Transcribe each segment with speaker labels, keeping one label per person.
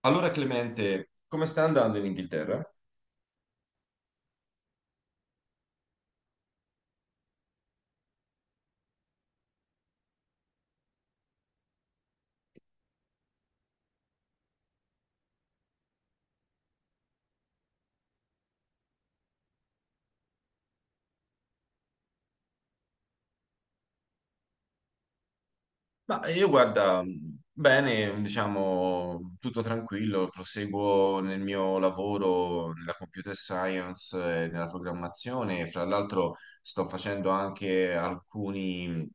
Speaker 1: Allora, Clemente, come sta andando in Inghilterra? Ma io guarda, bene, diciamo, tutto tranquillo, proseguo nel mio lavoro nella computer science e nella programmazione, fra l'altro sto facendo anche alcuni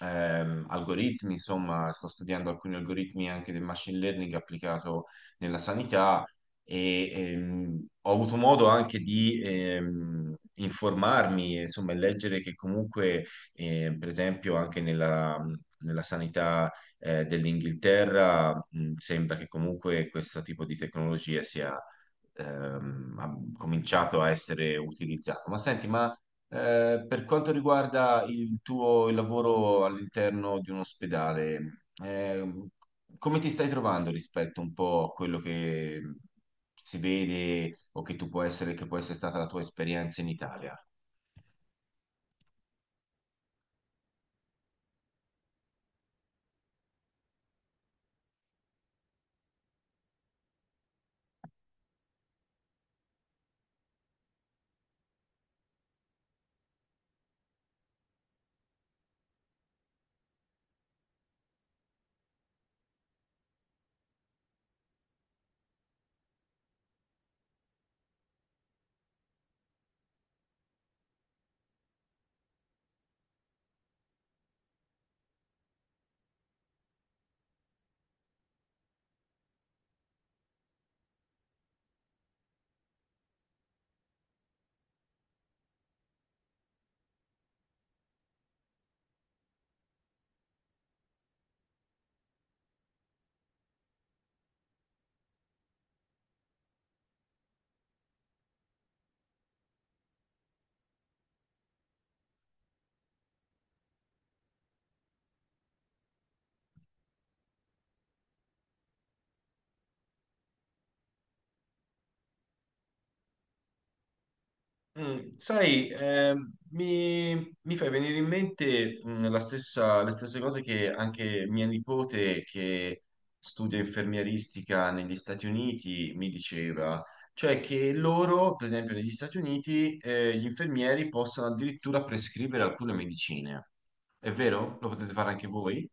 Speaker 1: algoritmi. Insomma, sto studiando alcuni algoritmi anche del machine learning applicato nella sanità, e ho avuto modo anche di informarmi, insomma, e leggere che comunque, per esempio, anche nella, nella sanità dell'Inghilterra, sembra che comunque questo tipo di tecnologia sia... ha cominciato a essere utilizzato. Ma senti, ma per quanto riguarda il tuo lavoro all'interno di un ospedale, come ti stai trovando rispetto un po' a quello che si vede o che tu può essere, che può essere stata la tua esperienza in Italia? Mm, sai, mi, mi fai venire in mente mm, le stesse cose che anche mia nipote, che studia infermieristica negli Stati Uniti, mi diceva. Cioè che loro, per esempio, negli Stati Uniti, gli infermieri possono addirittura prescrivere alcune medicine. È vero? Lo potete fare anche voi?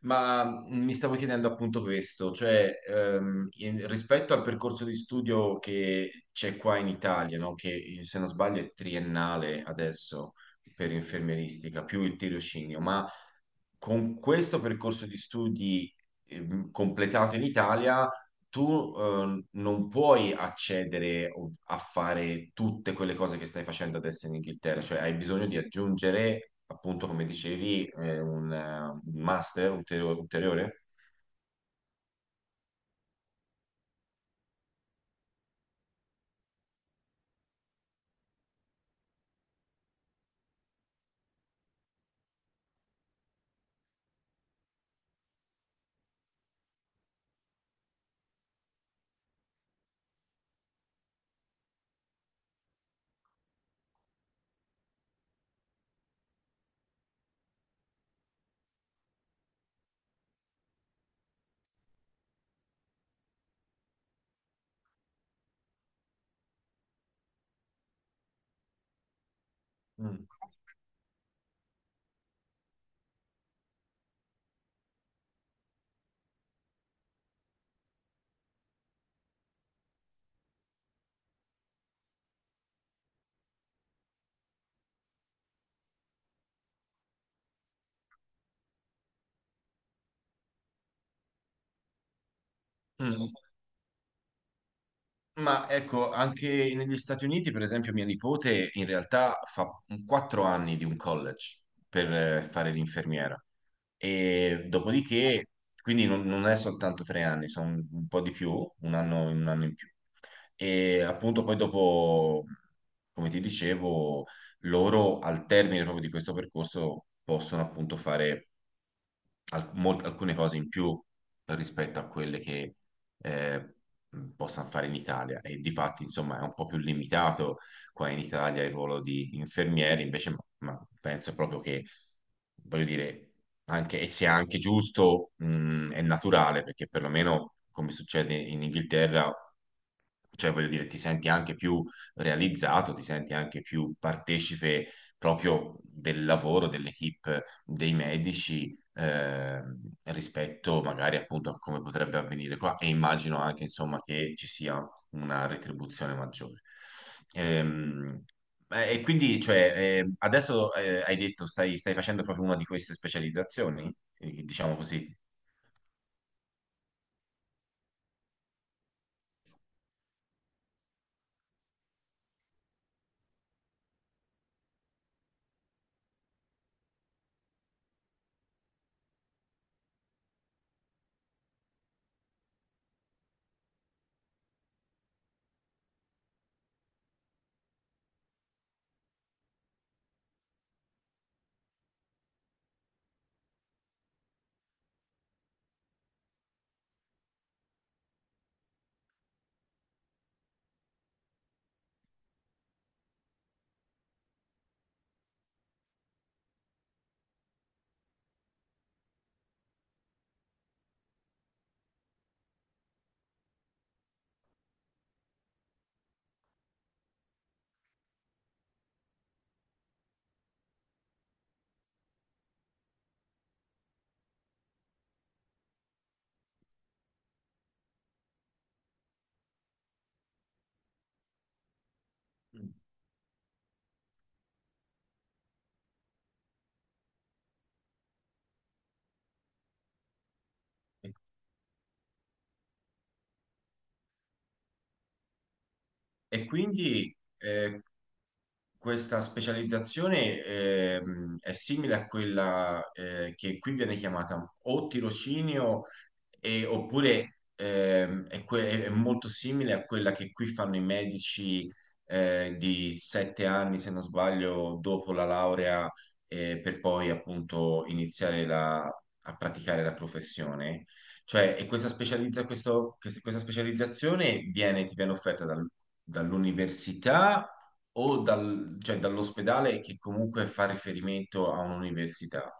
Speaker 1: Ma mi stavo chiedendo appunto questo, cioè rispetto al percorso di studio che c'è qua in Italia, no? Che se non sbaglio è triennale adesso per infermieristica, più il tirocinio, ma con questo percorso di studi completato in Italia, tu non puoi accedere a fare tutte quelle cose che stai facendo adesso in Inghilterra. Cioè hai bisogno di aggiungere, appunto, come dicevi, un master ulteriore. Mm. Mm. Ma ecco, anche negli Stati Uniti, per esempio, mia nipote in realtà fa 4 anni di un college per fare l'infermiera. E dopodiché, quindi non, non è soltanto 3 anni, sono un po' di più, un anno in più. E appunto poi dopo, come ti dicevo, loro al termine proprio di questo percorso possono appunto fare alcune cose in più rispetto a quelle che eh, possano fare in Italia. E di fatti, insomma, è un po' più limitato qua in Italia il ruolo di infermieri invece. Ma penso proprio che, voglio dire, anche, e sia anche giusto è naturale, perché perlomeno come succede in Inghilterra, cioè voglio dire, ti senti anche più realizzato, ti senti anche più partecipe proprio del lavoro dell'equipe dei medici, ehm, rispetto magari appunto a come potrebbe avvenire qua. E immagino anche, insomma, che ci sia una retribuzione maggiore. Ehm, e quindi cioè, adesso hai detto stai facendo proprio una di queste specializzazioni, diciamo così. E quindi questa specializzazione è simile a quella che qui viene chiamata o tirocinio oppure è, è molto simile a quella che qui fanno i medici di 7 anni, se non sbaglio, dopo la laurea, per poi appunto iniziare a praticare la professione. Cioè, e questa, questa specializzazione viene, ti viene offerta dall'università o cioè, dall'ospedale che comunque fa riferimento a un'università.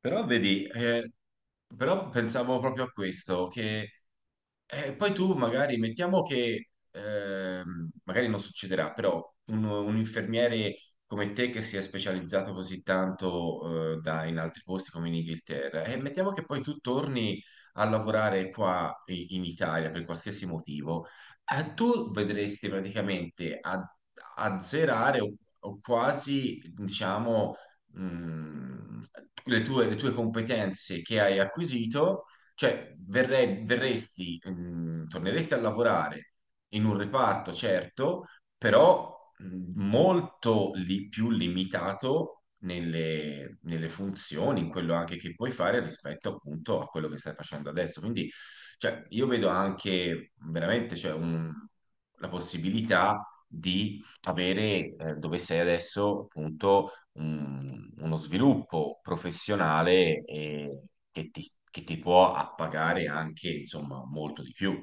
Speaker 1: Però vedi, però pensavo proprio a questo, che e poi tu magari, mettiamo che, magari non succederà, però un infermiere come te che si è specializzato così tanto, in altri posti come in Inghilterra, e mettiamo che poi tu torni a lavorare qua in Italia per qualsiasi motivo, tu vedresti praticamente a, azzerare o quasi, diciamo, mh, le tue competenze che hai acquisito. Cioè, verresti, mm, torneresti a lavorare in un reparto, certo, però mm, più limitato nelle, nelle funzioni, in quello anche che puoi fare rispetto appunto a quello che stai facendo adesso. Quindi, cioè, io vedo anche veramente, cioè, la possibilità di avere, dove sei adesso, appunto uno sviluppo professionale che ti può appagare anche, insomma, molto di più.